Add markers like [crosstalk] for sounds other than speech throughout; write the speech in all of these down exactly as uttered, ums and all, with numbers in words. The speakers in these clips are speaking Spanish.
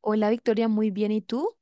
Hola Victoria, muy bien. ¿Y tú?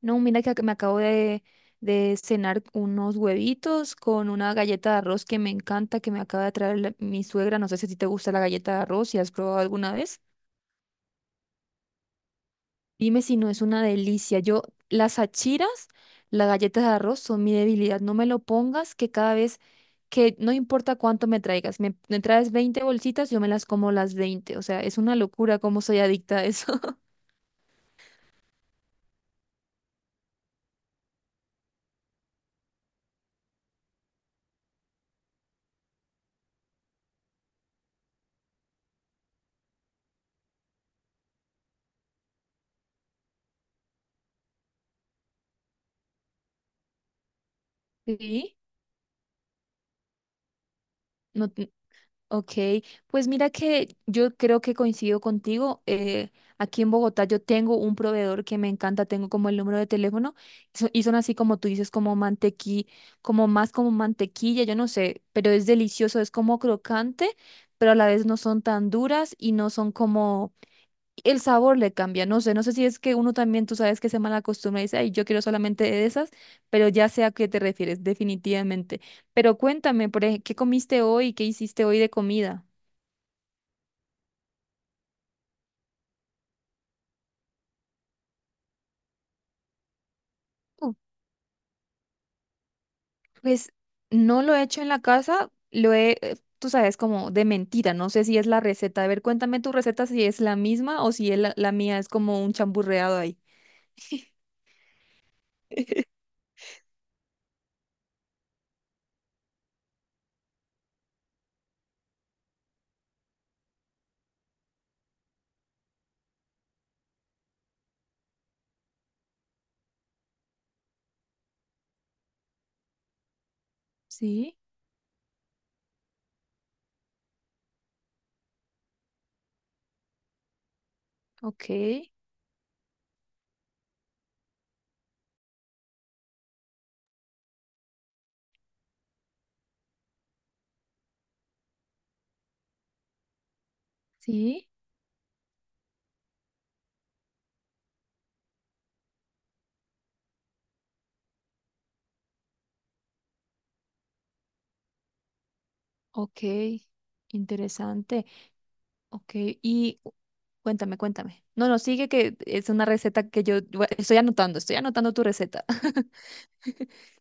No, mira que ac- me acabo de, de cenar unos huevitos con una galleta de arroz que me encanta, que me acaba de traer la- mi suegra. No sé si a ti te gusta la galleta de arroz, si has probado alguna vez. Dime si no es una delicia. Yo, las achiras, las galletas de arroz son mi debilidad. No me lo pongas que cada vez que, no importa cuánto me traigas, me, me traes veinte bolsitas, yo me las como las veinte. O sea, es una locura cómo soy adicta a eso. [laughs] Sí. No. Ok, pues mira que yo creo que coincido contigo. Eh, aquí en Bogotá yo tengo un proveedor que me encanta, tengo como el número de teléfono y so- y son así como tú dices, como mantequilla, como más como mantequilla, yo no sé, pero es delicioso, es como crocante, pero a la vez no son tan duras y no son como, el sabor le cambia, no sé, no sé si es que uno también, tú sabes que se mal acostumbra y dice, ay, yo quiero solamente de esas, pero ya sé a qué te refieres, definitivamente. Pero cuéntame, por ej- ¿qué comiste hoy? ¿Qué hiciste hoy de comida? Uh, Pues no lo he hecho en la casa, lo he, eh, tú sabes, como de mentira, no sé si es la receta. A ver, cuéntame tu receta si es la misma o si es la, la mía es como un chamburreado ahí. Sí, ok, sí, ok, interesante, ok, y cu- cuéntame, cuéntame. No, no, sigue que es una receta que yo yo estoy anotando, estoy anotando tu receta. [laughs]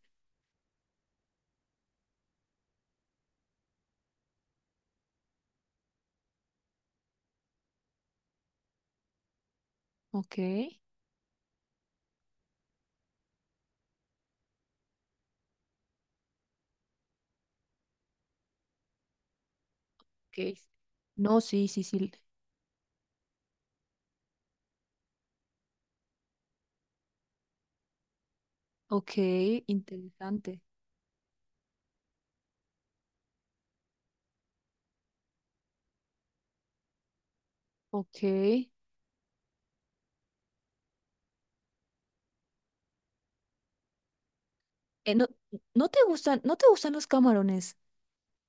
Ok, ok. No, sí, sí, sí. Ok, interesante. Ok. Eh, no, no te gustan, no te gustan los camarones.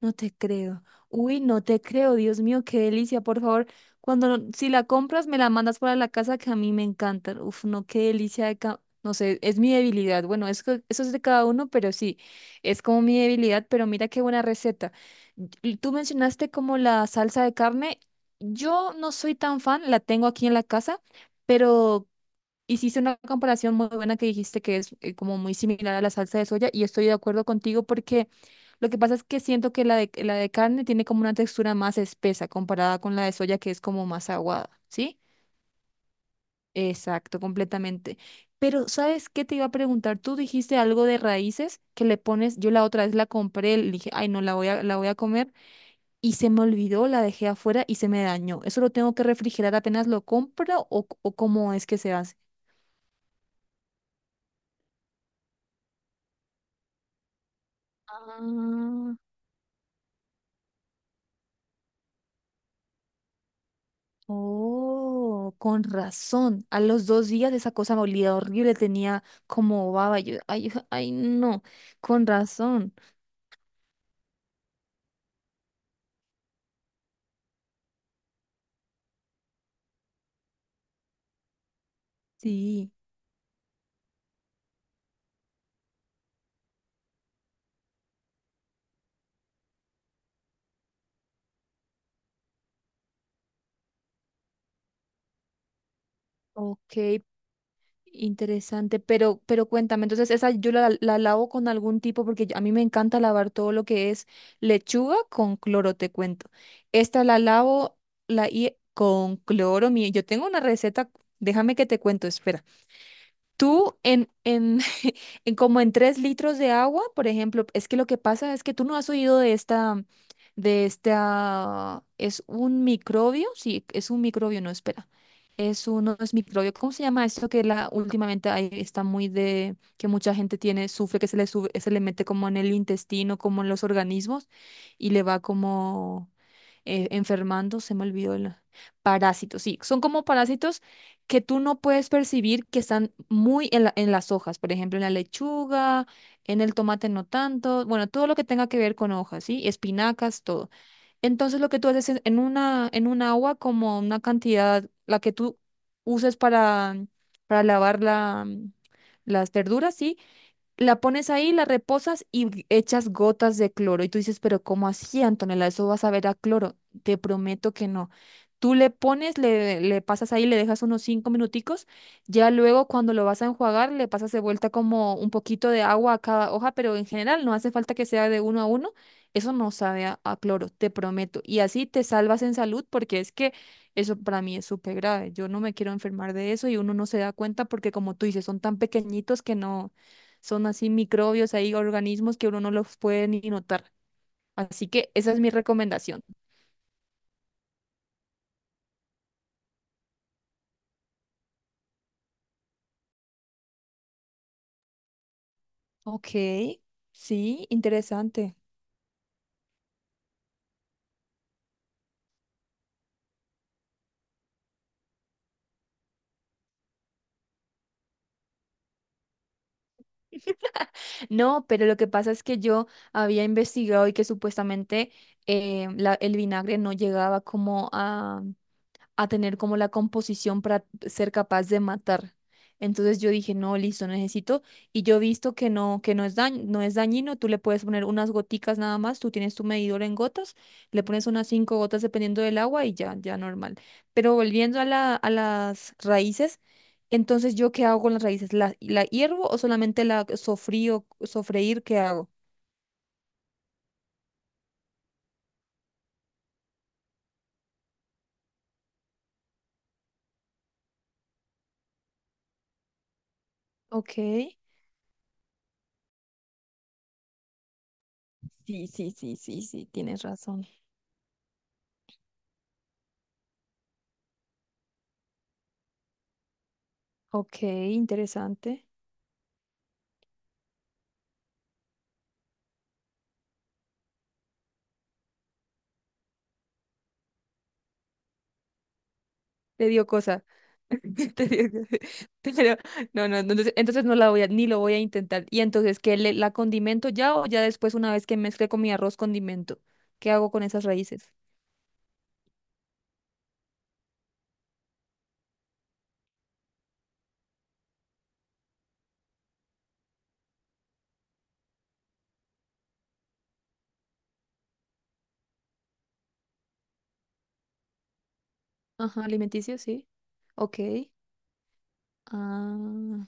No te creo. Uy, no te creo, Dios mío, qué delicia. Por favor, cuando no- si la compras, me la mandas para la casa que a mí me encantan. Uf, no, qué delicia de ca- no sé, es mi debilidad. Bueno, es que eso es de cada uno, pero sí, es como mi debilidad, pero mira qué buena receta. Y tú mencionaste como la salsa de carne. Yo no soy tan fan, la tengo aquí en la casa, pero hiciste una comparación muy buena que dijiste que es eh, como muy similar a la salsa de soya y estoy de acuerdo contigo porque lo que pasa es que siento que la de, la de carne tiene como una textura más espesa comparada con la de soya que es como más aguada, ¿sí? Exacto, completamente. Pero ¿sabes qué te iba a preguntar? Tú dijiste algo de raíces que le pones, yo la otra vez la compré, le dije, ay no, la voy a, la voy a comer y se me olvidó, la dejé afuera y se me dañó. ¿Eso lo tengo que refrigerar apenas lo compro o, o cómo es que se hace? Ah. Oh, con razón. A los dos días esa cosa me olía horrible, tenía como baba. Yo, ay, [laughs] ay, no, con razón. Sí, ok, interesante. Pero, pero cuéntame, entonces esa yo la, la lavo con algún tipo, porque yo- a mí me encanta lavar todo lo que es lechuga con cloro, te cuento. Esta la lavo la, y con cloro. Mi- yo tengo una receta, déjame que te cuento, espera. Tú en, en [laughs] en como en tres litros de agua, por ejemplo, es que lo que pasa es que tú no has oído de esta, de esta, es un microbio, sí, es un microbio, no, espera, es uno, es microbio, ¿cómo se llama esto que la, últimamente ahí está muy de, que mucha gente tiene, sufre, que se le sube, se le mete como en el intestino, como en los organismos y le va como eh, enfermando, se me olvidó el. Parásitos, sí, son como parásitos que tú no puedes percibir que están muy en la- en las hojas, por ejemplo, en la lechuga, en el tomate no tanto, bueno, todo lo que tenga que ver con hojas, ¿sí? Espinacas, todo. Entonces lo que tú haces es en una, en un agua como una cantidad, la que tú uses para, para lavar la, las verduras, ¿sí? La pones ahí, la reposas y echas gotas de cloro. Y tú dices, pero ¿cómo así, Antonella? Eso vas a ver a cloro. Te prometo que no. Tú le pones, le, le pasas ahí, le dejas unos cinco minuticos. Ya luego cuando lo vas a enjuagar, le pasas de vuelta como un poquito de agua a cada hoja, pero en general no hace falta que sea de uno a uno. Eso no sabe a, a cloro, te prometo. Y así te salvas en salud porque es que eso para mí es súper grave. Yo no me quiero enfermar de eso y uno no se da cuenta porque como tú dices, son tan pequeñitos que no son así microbios, hay organismos que uno no los puede ni notar. Así que esa es mi recomendación. Ok, sí, interesante. No, pero lo que pasa es que yo había investigado y que supuestamente eh, la- el vinagre no llegaba como a a tener como la composición para ser capaz de matar. Entonces yo dije, no, listo, necesito. Y yo he visto que no, que no es dañ- no es dañino, tú le puedes poner unas goticas nada más, tú tienes tu medidor en gotas, le pones unas cinco gotas dependiendo del agua y ya, ya normal. Pero volviendo a la, a las raíces, entonces yo qué hago con las raíces, ¿la, la hiervo o solamente la sofrío, sofreír, qué hago? Ok. Sí, sí, sí, sí, sí, tienes razón. Ok, interesante. Te dio cosa. [laughs] Te dio cosa. [laughs] Pero no, no, no, entonces, entonces no la voy a, ni lo voy a intentar. Y entonces, ¿qué le, la condimento ya o ya después una vez que mezcle con mi arroz condimento? ¿Qué hago con esas raíces? Ajá, alimenticio, sí. Ok. Ah.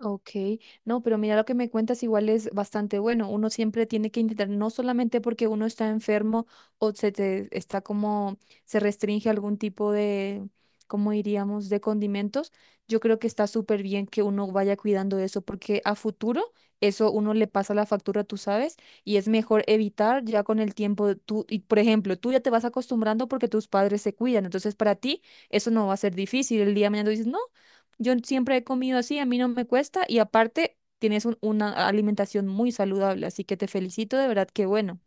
Ok, no, pero mira lo que me cuentas igual es bastante bueno. Uno siempre tiene que intentar, no solamente porque uno está enfermo o se te está como, se restringe algún tipo de, ¿cómo diríamos?, de condimentos. Yo creo que está súper bien que uno vaya cuidando eso porque a futuro eso uno le pasa la factura, tú sabes, y es mejor evitar ya con el tiempo. Tú, y por ejemplo, tú ya te vas acostumbrando porque tus padres se cuidan. Entonces, para ti eso no va a ser difícil. El día de mañana tú dices, no. Yo siempre he comido así, a mí no me cuesta y aparte tienes un- una alimentación muy saludable, así que te felicito, de verdad que bueno.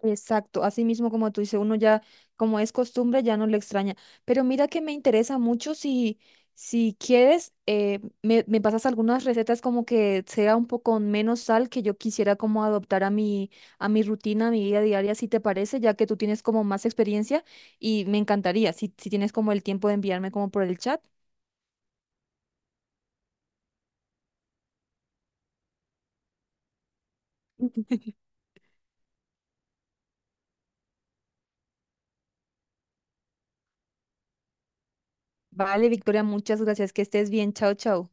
Exacto, así mismo como tú dices, uno ya, como es costumbre, ya no le extraña. Pero mira que me interesa mucho si, si quieres, eh, me, me pasas algunas recetas como que sea un poco con menos sal que yo quisiera como adoptar a mi, a mi rutina, a mi vida diaria, si te parece, ya que tú tienes como más experiencia y me encantaría, si, si tienes como el tiempo de enviarme como por el chat. Vale, Victoria, muchas gracias. Que estés bien. Chao, chao.